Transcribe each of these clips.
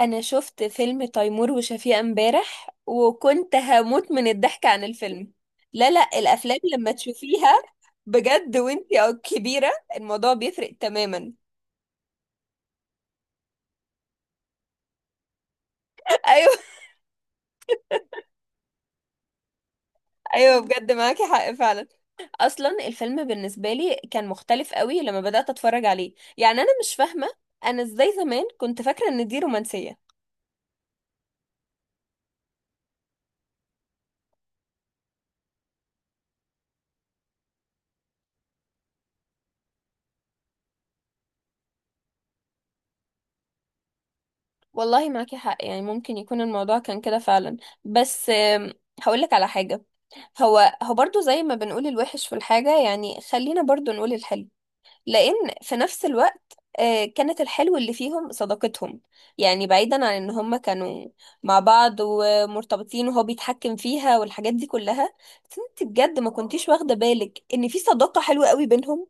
انا شفت فيلم تيمور وشفيقة امبارح وكنت هموت من الضحك عن الفيلم. لا لا، الافلام لما تشوفيها بجد وانتي او كبيرة، الموضوع بيفرق تماما. ايوه، ايوه بجد، معاكي حق فعلا. اصلا الفيلم بالنسبة لي كان مختلف قوي لما بدأت اتفرج عليه، يعني انا مش فاهمة انا ازاي زمان كنت فاكرة ان دي رومانسية. والله معاكي حق، يعني ممكن يكون الموضوع كان كده فعلا. بس هقولك على حاجة. هو برضو، زي ما بنقول الوحش في الحاجة، يعني خلينا برضو نقول الحلو. لأن في نفس الوقت، كانت الحلو اللي فيهم صداقتهم. يعني بعيدا عن ان هم كانوا مع بعض ومرتبطين وهو بيتحكم فيها والحاجات دي كلها، بس انت بجد ما كنتيش واخدة بالك ان في صداقة حلوة قوي بينهم.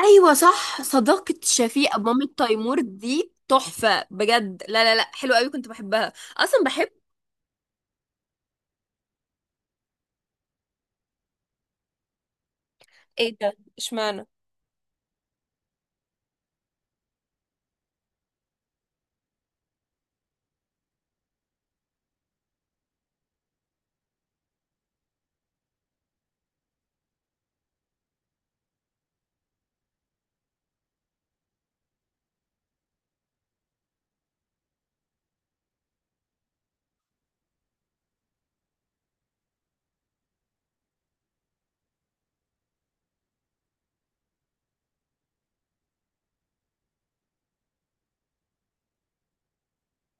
ايوه صح، صداقة شفيقة مامة تيمور دي تحفة بجد. لا لا لا، حلوة قوي، كنت بحبها اصلا بحب. ايه ده، اشمعنى؟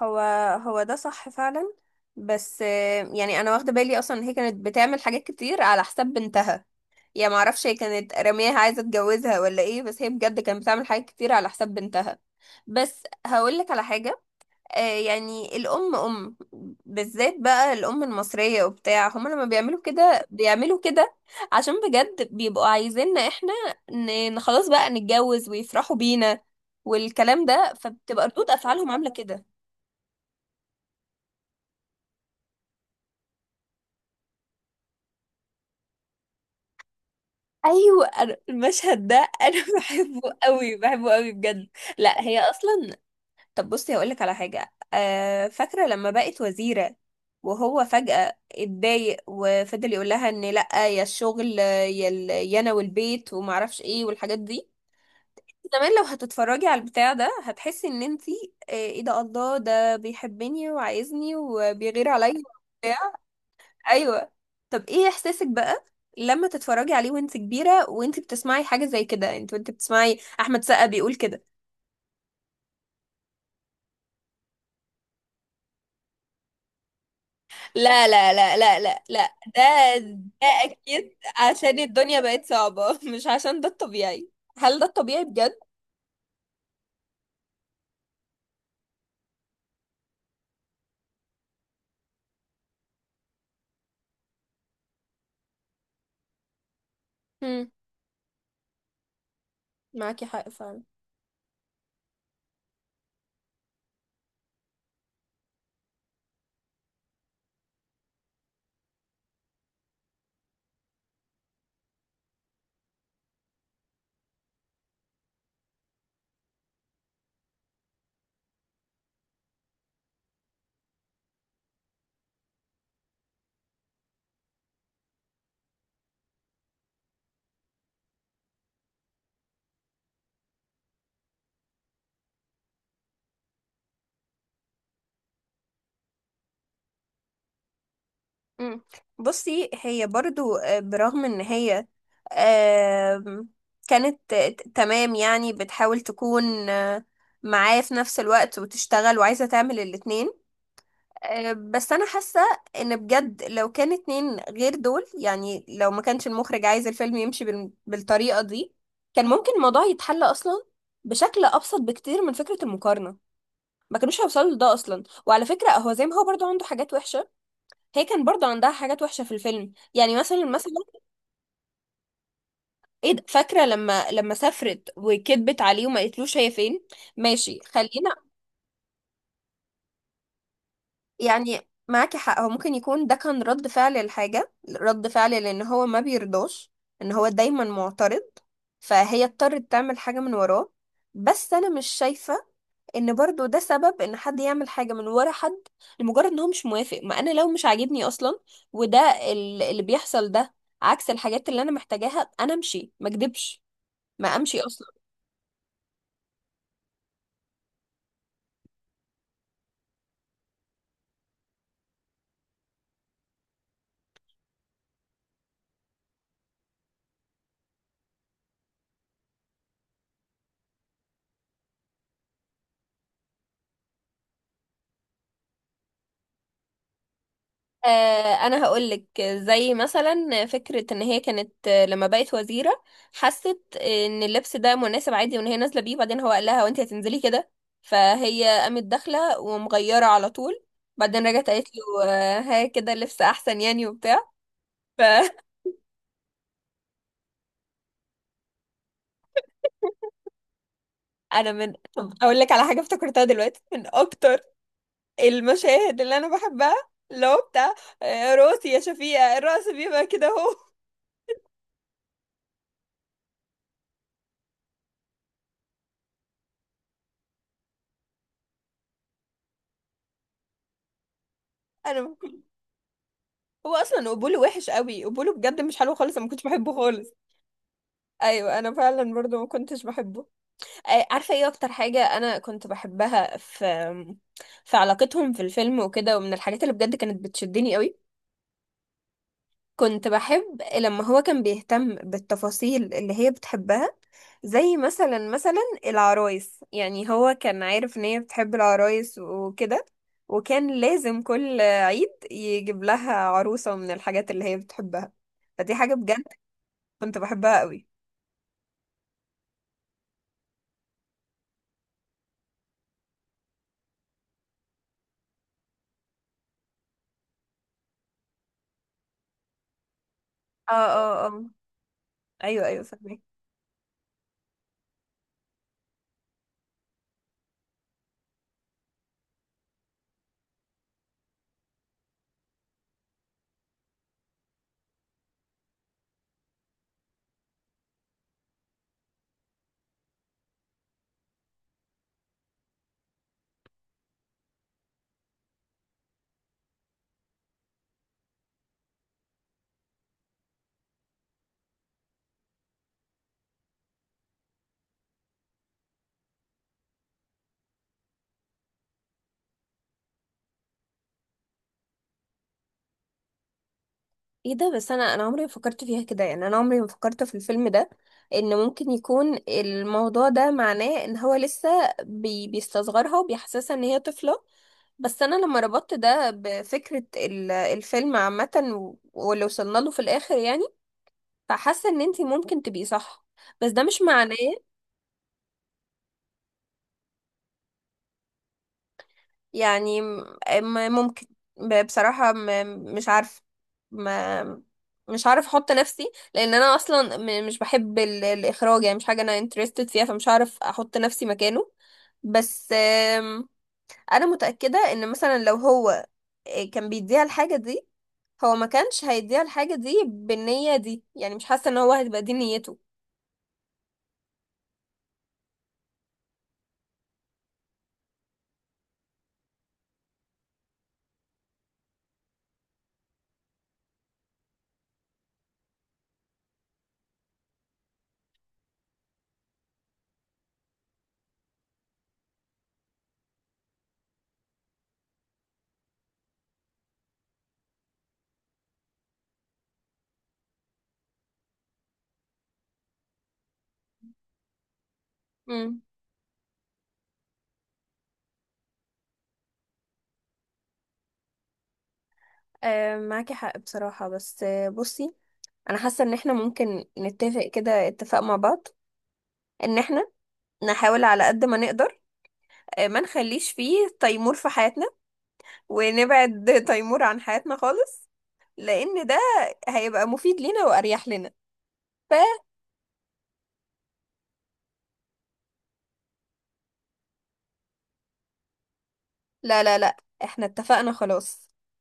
هو هو ده صح فعلا. بس يعني انا واخده بالي اصلا إن هي كانت بتعمل حاجات كتير على حساب بنتها. يا ما اعرفش هي كانت رميها عايزه تتجوزها ولا ايه، بس هي بجد كانت بتعمل حاجات كتير على حساب بنتها. بس هقول لك على حاجه. يعني الأم أم، بالذات بقى الأم المصرية وبتاع، هما لما بيعملوا كده بيعملوا كده عشان بجد بيبقوا عايزيننا احنا، خلاص بقى نتجوز ويفرحوا بينا والكلام ده، فبتبقى ردود أفعالهم عاملة كده. أيوة، المشهد ده أنا بحبه قوي، بحبه قوي بجد. لا هي أصلا. طب بصي، هقولك على حاجة. فاكرة لما بقت وزيرة وهو فجأة اتضايق وفضل يقول لها ان لأ، يا الشغل يا انا والبيت ومعرفش ايه والحاجات دي؟ زمان لو هتتفرجي على البتاع ده هتحسي ان انتي، ايه ده، الله، ده بيحبني وعايزني وبيغير عليا وبتاع. ايوه. طب ايه احساسك بقى لما تتفرجي عليه وانت كبيرة، وانت بتسمعي حاجة زي كده، انت وانت بتسمعي احمد سقا بيقول كده؟ لا لا لا لا لا لا، ده ده اكيد عشان الدنيا بقت صعبة مش عشان ده الطبيعي. هل ده الطبيعي بجد؟ مم. معاكي حق فعلا. مم. بصي، هي برضو، برغم ان هي آم، كانت تمام، يعني بتحاول تكون معاه في نفس الوقت وتشتغل وعايزة تعمل الاتنين. بس انا حاسه ان بجد لو كان اتنين غير دول، يعني لو ما كانش المخرج عايز الفيلم يمشي بالطريقه دي، كان ممكن الموضوع يتحل اصلا بشكل ابسط بكتير من فكره المقارنه. ما كانوش هيوصلوا لده اصلا. وعلى فكره، هو زي ما هو برضو عنده حاجات وحشه، هي كان برضو عندها حاجات وحشه في الفيلم. يعني مثلا مثلا، ايه ده؟ فاكره لما سافرت وكذبت عليه وما قالتلوش هي فين؟ ماشي خلينا. يعني معاكي حق، هو ممكن يكون ده كان رد فعل الحاجة، رد فعل لأن هو ما بيرضاش، إن هو دايما معترض، فهي اضطرت تعمل حاجة من وراه. بس أنا مش شايفة إن برضو ده سبب إن حد يعمل حاجة من ورا حد لمجرد إن هو مش موافق. ما أنا لو مش عاجبني أصلا وده اللي بيحصل ده عكس الحاجات اللي أنا محتاجاها، أنا أمشي ما أكدبش، ما أمشي أصلا. انا هقولك، زي مثلا فكرة ان هي كانت، لما بقت وزيرة، حست ان اللبس ده مناسب عادي وان هي نازلة بيه، بعدين هو قال لها وانت هتنزلي كده؟ فهي قامت داخلة ومغيرة على طول. بعدين رجعت قالت له ها كده لبس احسن يعني وبتاع. فانا طب اقول لك على حاجة افتكرتها دلوقتي من اكتر المشاهد اللي انا بحبها، اللي هو بتاع راسي يا شفيقة، الرأس بيبقى كده اهو. انا، هو اصلا قبوله وحش قوي، قبوله بجد مش حلو خالص، انا ما كنتش بحبه خالص. ايوه، انا فعلا برضو ما كنتش بحبه. عارفه ايه اكتر حاجه انا كنت بحبها في علاقتهم في الفيلم وكده، ومن الحاجات اللي بجد كانت بتشدني قوي، كنت بحب لما هو كان بيهتم بالتفاصيل اللي هي بتحبها، زي مثلا مثلا العرايس. يعني هو كان عارف ان هي بتحب العرايس وكده، وكان لازم كل عيد يجيب لها عروسة من الحاجات اللي هي بتحبها. فدي حاجة بجد كنت بحبها قوي. اه اه اه، ايوه ايوه، فاهمك. ايه ده، بس انا عمري ما فكرت فيها كده. يعني انا عمري ما فكرت في الفيلم ده ان ممكن يكون الموضوع ده معناه ان هو لسه بيستصغرها وبيحسسها ان هي طفلة. بس انا لما ربطت ده بفكرة الفيلم عامة و- واللي وصلنا له في الاخر، يعني فحاسة ان انتي ممكن تبقي صح، بس ده مش معناه. يعني ممكن. بصراحة مش عارف. ما مش عارف احط نفسي، لان انا اصلا مش بحب الاخراج، يعني مش حاجة انا interested فيها، فمش عارف احط نفسي مكانه. بس آم، انا متأكدة ان مثلا لو هو كان بيديها الحاجة دي، هو ما كانش هيديها الحاجة دي بالنية دي. يعني مش حاسة ان هو هتبقى دي نيته. امم، آه معاكي حق بصراحة. بس بصي، انا حاسة ان احنا ممكن نتفق كده اتفاق مع بعض، ان احنا نحاول على قد ما نقدر ما نخليش فيه تيمور في حياتنا، ونبعد تيمور عن حياتنا خالص، لان ده هيبقى مفيد لينا واريح لنا. فلا لا لا، احنا اتفقنا خلاص.